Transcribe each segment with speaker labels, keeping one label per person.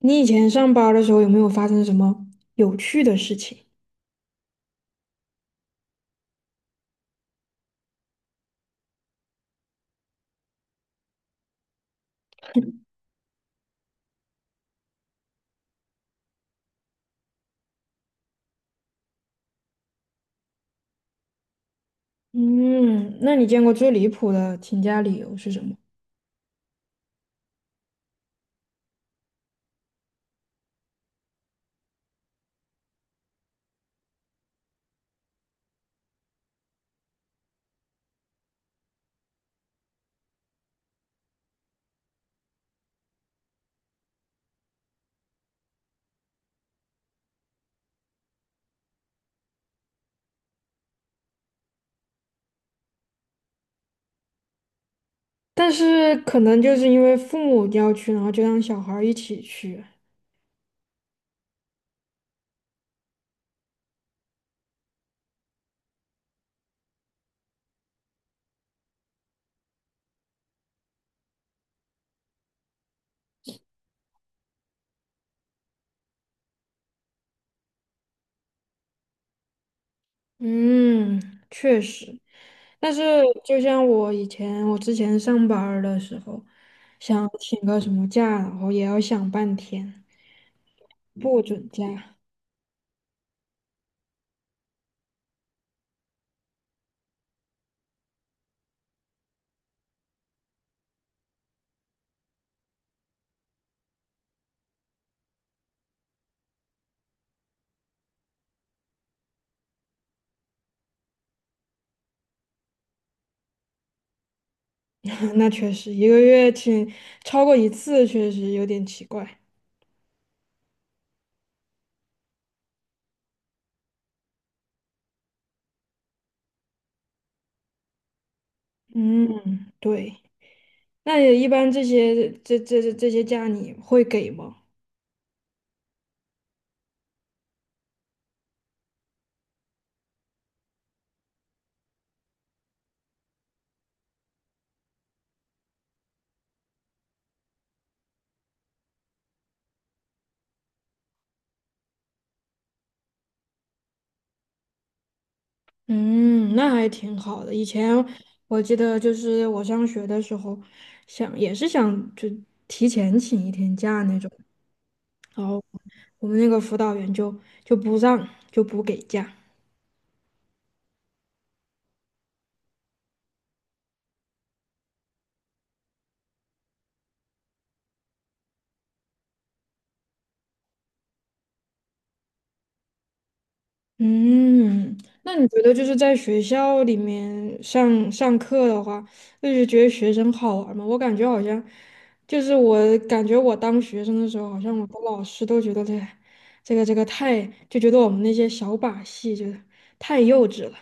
Speaker 1: 你以前上班儿的时候有没有发生什么有趣的事情？嗯，那你见过最离谱的请假理由是什么？但是可能就是因为父母要去，然后就让小孩儿一起去。嗯，确实。但是就像我以前，我之前上班儿的时候，想请个什么假，然后也要想半天，不准假。那确实，一个月请超过一次，确实有点奇怪。嗯，对。那也一般这些这些假你会给吗？嗯，那还挺好的。以前我记得就是我上学的时候想，也是想就提前请一天假那种，然后我们那个辅导员就不让，就不给假。嗯，那你觉得就是在学校里面上课的话，就是觉得学生好玩吗？我感觉好像，就是我感觉我当学生的时候，好像我的老师都觉得这这个太，就觉得我们那些小把戏就是太幼稚了。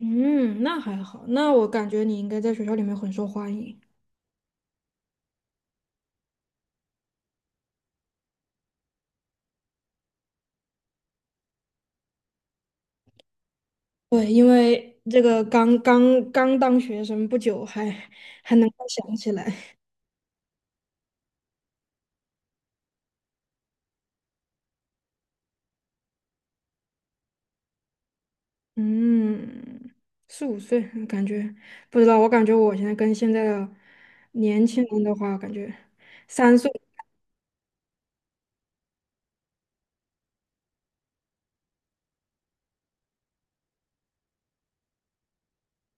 Speaker 1: 嗯，那还好，那我感觉你应该在学校里面很受欢迎。对，因为这个刚当学生不久还能够想起来。嗯，四五岁，感觉不知道，我感觉我现在跟现在的年轻人的话，感觉三岁。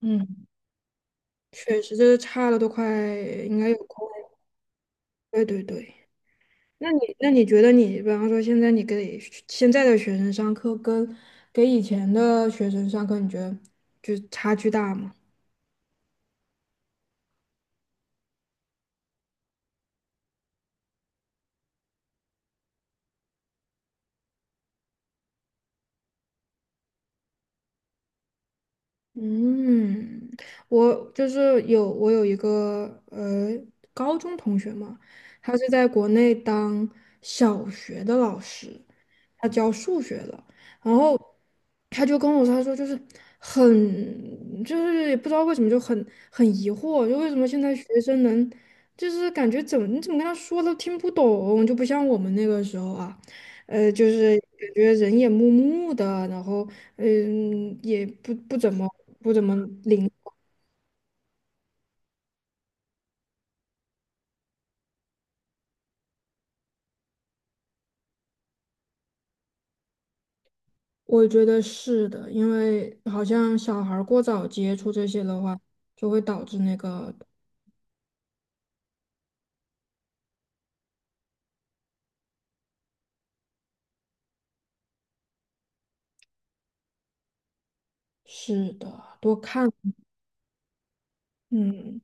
Speaker 1: 嗯，确实就是差了都快应该有快，对对对。那你觉得你，比方说现在你给学现在的学生上课跟给以前的学生上课，你觉得就差距大吗？嗯，我就是有一个高中同学嘛，他是在国内当小学的老师，他教数学的，然后他就跟我说，他说就是很就是也不知道为什么很疑惑，就为什么现在学生能就是感觉怎么你怎么跟他说都听不懂，就不像我们那个时候啊。呃，就是感觉人也木木的，然后嗯，也不怎么不怎么灵。我觉得是的，因为好像小孩儿过早接触这些的话，就会导致那个，是的，多看。嗯，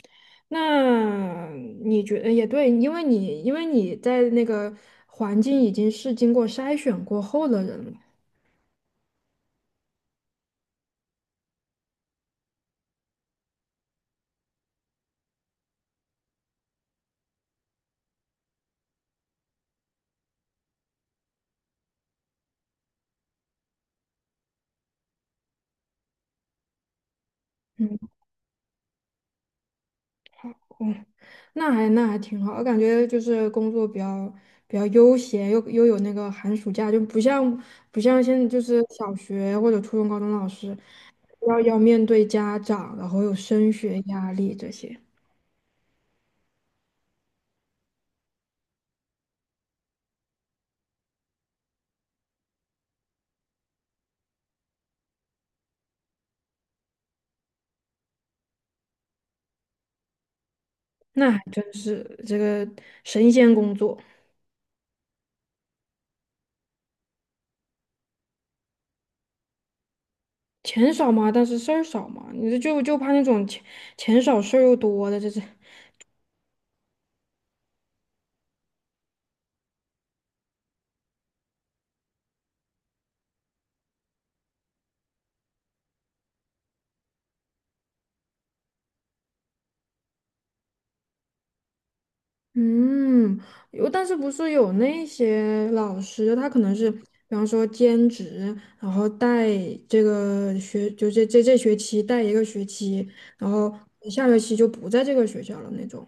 Speaker 1: 那你觉得也对，因为因为你在那个环境已经是经过筛选过后的人了。嗯，那还挺好，我感觉就是工作比较比较悠闲，又有那个寒暑假，就不像现在就是小学或者初中、高中老师要面对家长，然后有升学压力这些，那还真是这个神仙工作，钱少嘛，但是事儿少嘛，你这就怕那种钱少事儿又多的，这是。嗯，有，但是不是有那些老师，他可能是，比方说兼职，然后带这个学，就这学期带一个学期，然后下学期就不在这个学校了那种。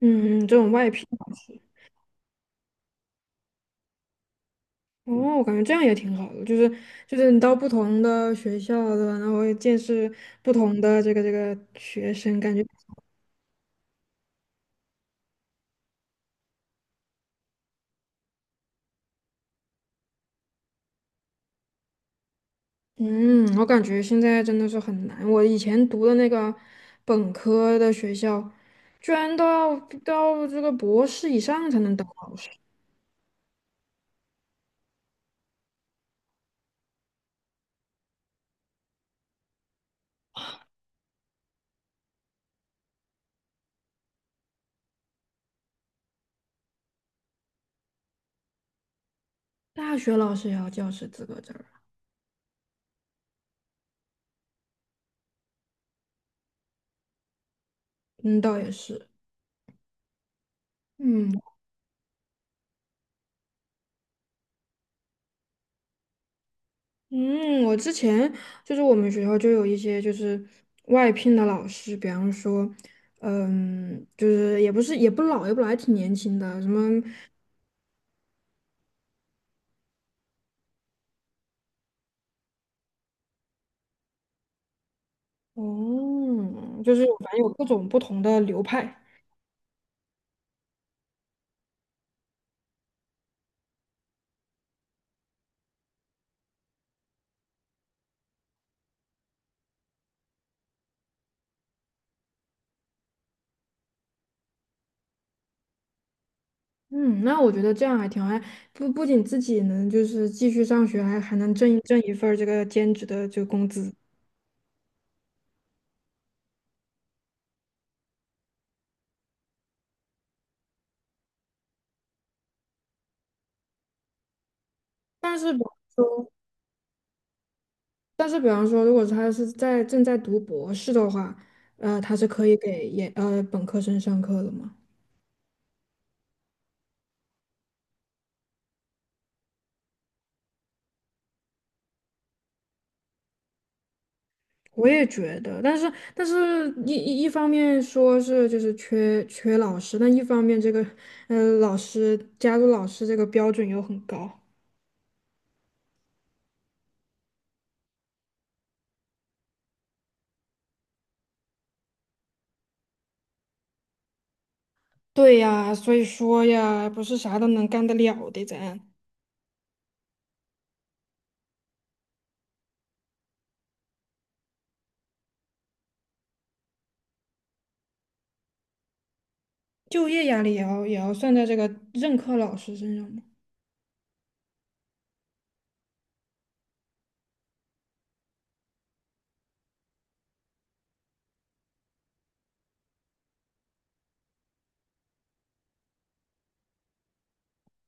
Speaker 1: 嗯嗯，这种外聘老师。嗯哦，我感觉这样也挺好的，就是你到不同的学校的，然后见识不同的这个学生，感觉。嗯，我感觉现在真的是很难。我以前读的那个本科的学校，居然都要到这个博士以上才能当老师，大学老师也要教师资格证儿啊。嗯，倒也是。嗯嗯，我之前就是我们学校就有一些就是外聘的老师，比方说，嗯，就是也不老，还挺年轻的，什么。哦，就是反正有各种不同的流派。嗯，那我觉得这样还挺好，还不仅自己能就是继续上学，还能挣一份儿这个兼职的这个工资。但是比但是比方说，如果他是在正在读博士的话，呃，他是可以给研呃本科生上课的嘛？我也觉得，但是一方面说是就是缺老师，但一方面这个呃老师加入老师这个标准又很高。对呀，所以说呀，不是啥都能干得了的，咱。就业压力也要算在这个任课老师身上吗？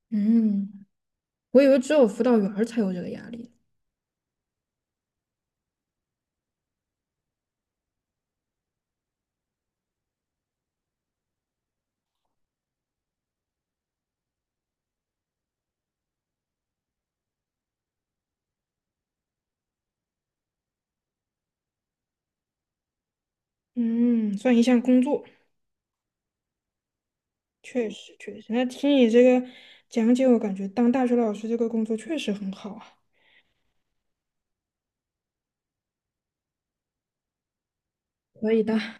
Speaker 1: 嗯，我以为只有辅导员儿才有这个压力。嗯，算一项工作，确实确实。那听你这个讲解，我感觉当大学老师这个工作确实很好啊。可以的。